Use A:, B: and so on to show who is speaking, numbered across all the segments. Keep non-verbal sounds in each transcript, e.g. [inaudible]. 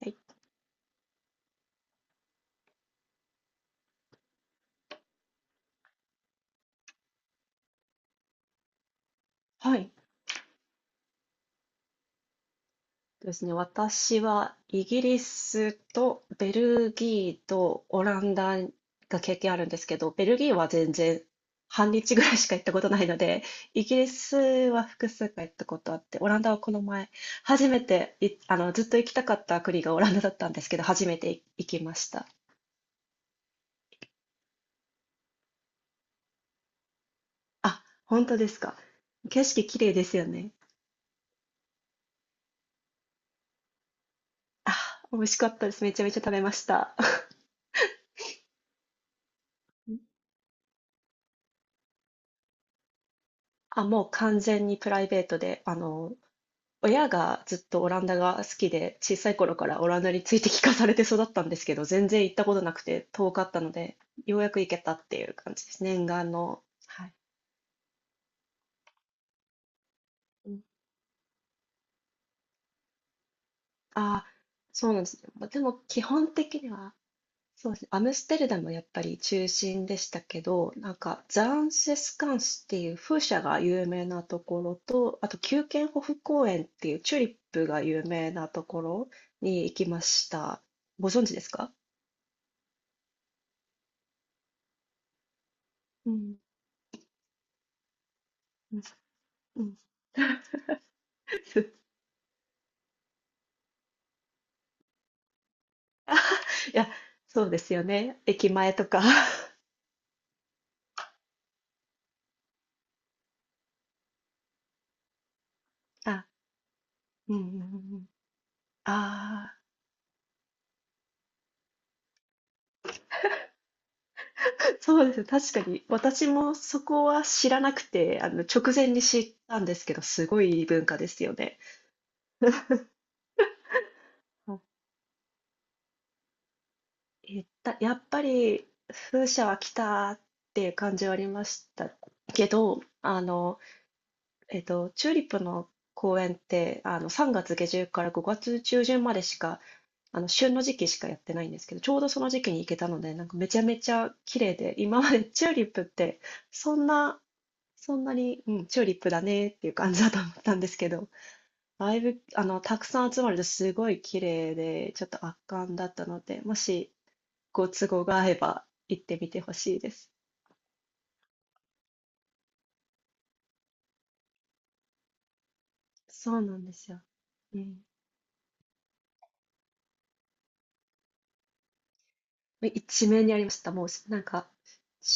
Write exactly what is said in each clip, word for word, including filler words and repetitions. A: はい、はいですね。私はイギリスとベルギーとオランダが経験あるんですけど、ベルギーは全然半日ぐらいしか行ったことないので、イギリスは複数回行ったことあって、オランダはこの前、初めてい、あの、ずっと行きたかった国がオランダだったんですけど、初めて行きました。あ、本当ですか。景色綺麗ですよね。あ、美味しかったです。めちゃめちゃ食べました。[laughs] あ、もう完全にプライベートで、あの、親がずっとオランダが好きで、小さい頃からオランダについて聞かされて育ったんですけど、全然行ったことなくて遠かったので、ようやく行けたっていう感じですね。念願の。はい。うん。ああ、そうなんですね。ま、でも基本的には、そうですね、アムステルダムやっぱり中心でしたけど、なんかザンセスカンスっていう風車が有名なところと、あとキューケンホフ公園っていうチューリップが有名なところに行きました。ご存知ですか？うん。うん。[laughs] いや、そうですよね。駅前とか。[laughs] あ、うんうんうんうん。ああ、そうです。確かに。私もそこは知らなくて、あの、直前に知ったんですけど、すごい文化ですよね。[laughs] あえったやっぱり風車は来たっていう感じはありましたけど、あの、えっと、チューリップの公園って、あの、さんがつ下旬からごがつ中旬までしかあの、旬の時期しかやってないんですけど、ちょうどその時期に行けたので、なんかめちゃめちゃ綺麗で、今までチューリップって、そんな、そんなに、うん、チューリップだねっていう感じだと思ったんですけど、だいぶ、あの、たくさん集まるとすごい綺麗で、ちょっと圧巻だったので、もしご都合が合えば行ってみてほしいです。そうなんですよ。うん。一面にありました。もう、なんか、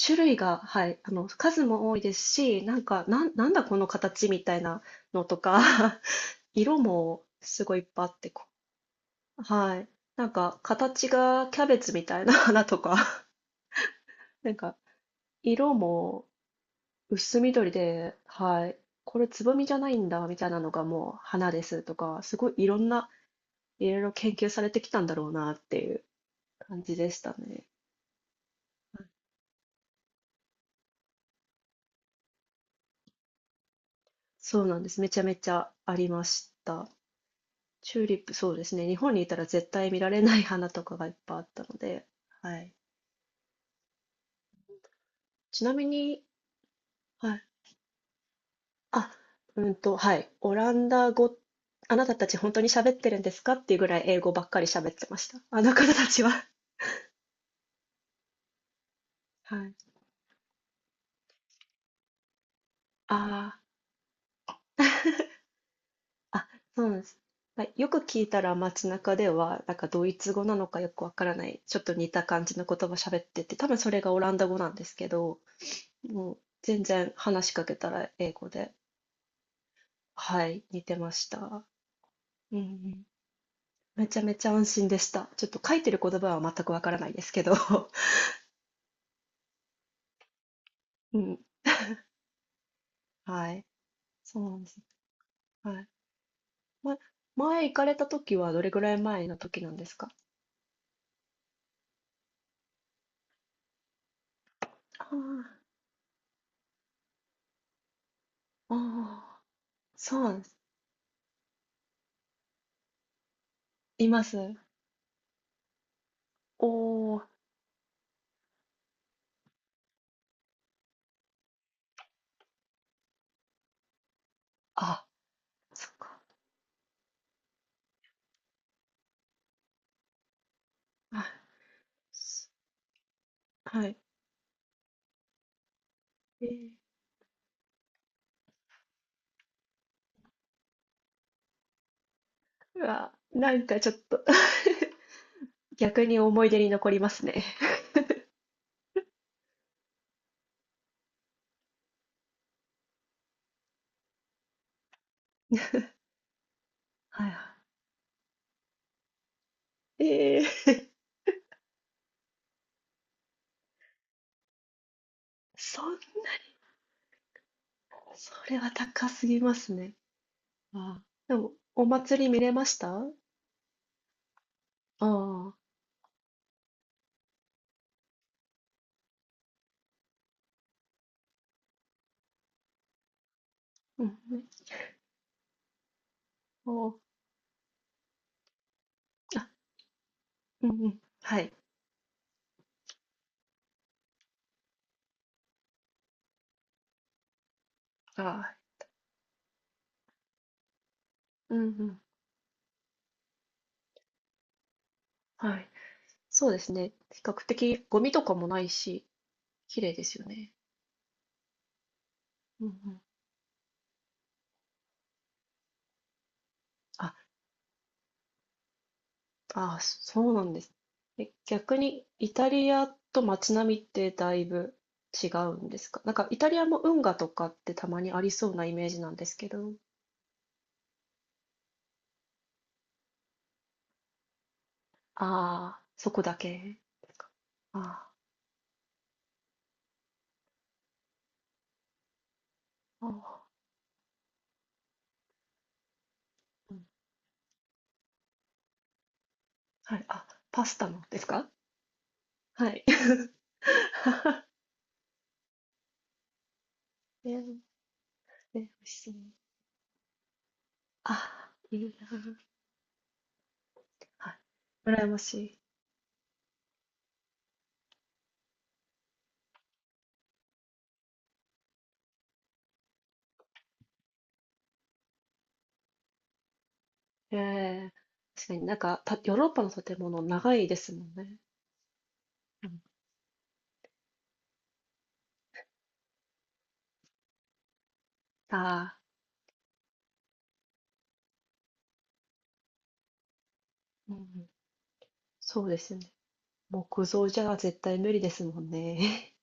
A: 種類が、はい、あの、数も多いですし、なんか、なん、なんだこの形みたいなのとか [laughs] 色もすごいいっぱいあって、こはい。なんか形がキャベツみたいな [laughs] 花とか、[laughs] なんか色も薄緑で、はい。これつぼみじゃないんだみたいなのがもう花ですとか、すごいいろんな、いろいろ研究されてきたんだろうなっていう感じでしたね。そうなんです。めちゃめちゃありました。チューリップ、そうですね。日本にいたら絶対見られない花とかがいっぱいあったので、はい。ちなみに、はいあ、うんと、はい。オランダ語、あなたたち本当に喋ってるんですかっていうぐらい英語ばっかり喋ってました。あの方たちは。[laughs] はい。ああ、あ、そうなんです。はい、よく聞いたら街中では、なんかドイツ語なのかよくわからない、ちょっと似た感じの言葉喋ってて、多分それがオランダ語なんですけど、もう全然話しかけたら英語で、はい、似てました。うんうん。めちゃめちゃ安心でした。ちょっと書いてる言葉は全くわからないですけど。[laughs] うん。はい。そうなんです。はい。ま、前行かれた時はどれぐらい前の時なんですか？ああ、ああ、そうなんです。います。おお、あ、そっか。はい。すはい。ええ。うわ、なんかちょっと [laughs] 逆に思い出に残りますね。はいはい。ええ。[laughs] そそれは高すぎますね。ああ。でも、お祭り見れました？ああー。うんうん。おお、あ、うんうん。はい。ああ、うんうん。はい。そうですね。比較的ゴミとかもないし、綺麗ですよね。うんうん。あ、ああそうなんです。え、逆にイタリアと街並みってだいぶ違うんですか？なんかイタリアも運河とかってたまにありそうなイメージなんですけど。ああ、そこだけですか？ああ、ああ、うん。はい、あ、パスタのですか？はい。[laughs] ね、ね、美味しそう。ああ、いいな。はい。羨ましい。ええ、確かになんか、たヨーロッパの建物長いですもんね。うん。ああ、うんうん、そうですよね。木造じゃ絶対無理ですもんね。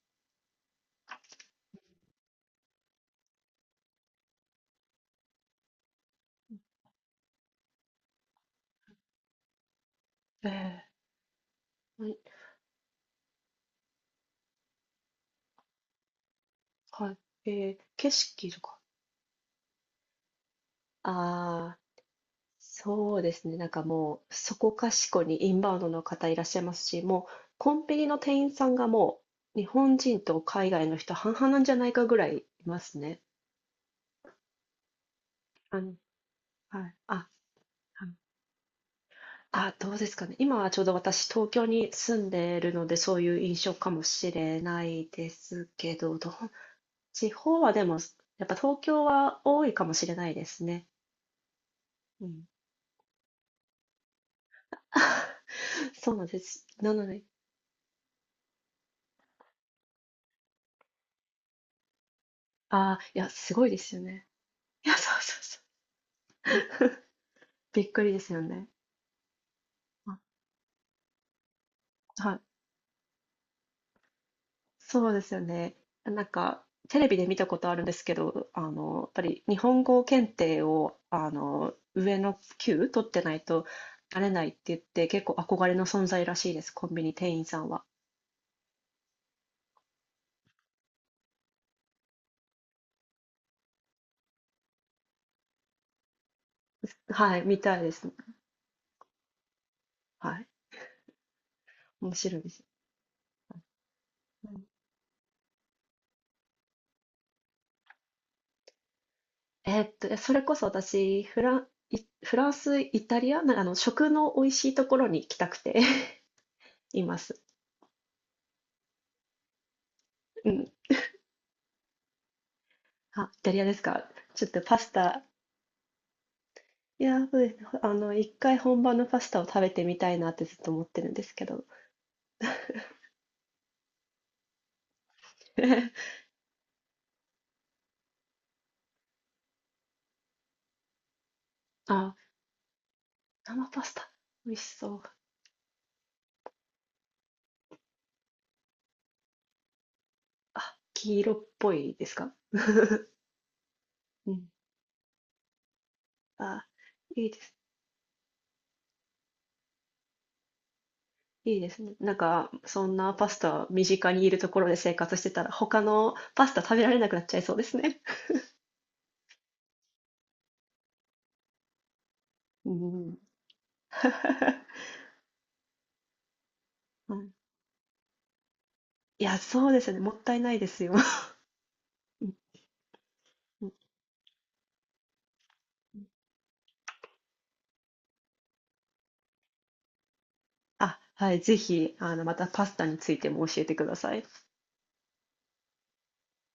A: [laughs] ええ、はい、はい。えー景色とか。ああ、そうですね、なんかもう、そこかしこにインバウンドの方いらっしゃいますし、もうコンビニの店員さんがもう、日本人と海外の人半々なんじゃないかぐらいいますね。あの、はい、あはい。あ、どうですかね。今はちょうど私、東京に住んでいるので、そういう印象かもしれないですけど、どう、地方はでも、やっぱ東京は多いかもしれないですね。うん。[laughs] そうなんです。なので、ああ、いや、すごいですよね。いや、そうそうそう。[laughs] びっくりですよね。あ、はい。そうですよね。なんか、テレビで見たことあるんですけど、あの、やっぱり日本語検定を、あの、上の級取ってないとなれないって言って、結構憧れの存在らしいです、コンビニ店員さんは。はい、みたいですね。はい。面白いです。うんえーっと、それこそ私、フラン、いフランス、イタリア、なあの、食の美味しいところに行きたくて [laughs] います。うん。あ、イタリアですか。ちょっとパスタ、いやー、そうですね。あの、一回本場のパスタを食べてみたいなってずっと思ってるんですけど。[laughs] あ、生パスタ、美味しそう。あ、黄色っぽいですか？[laughs] うん。あ、いいです。いいですね。なんか、そんなパスタ身近にいるところで生活してたら、他のパスタ食べられなくなっちゃいそうですね。うん。[laughs] うん。いや、そうですよね。もったいないですよ。[laughs] うん、うん。あ、はい、ぜひ、あの、またパスタについても教えてください。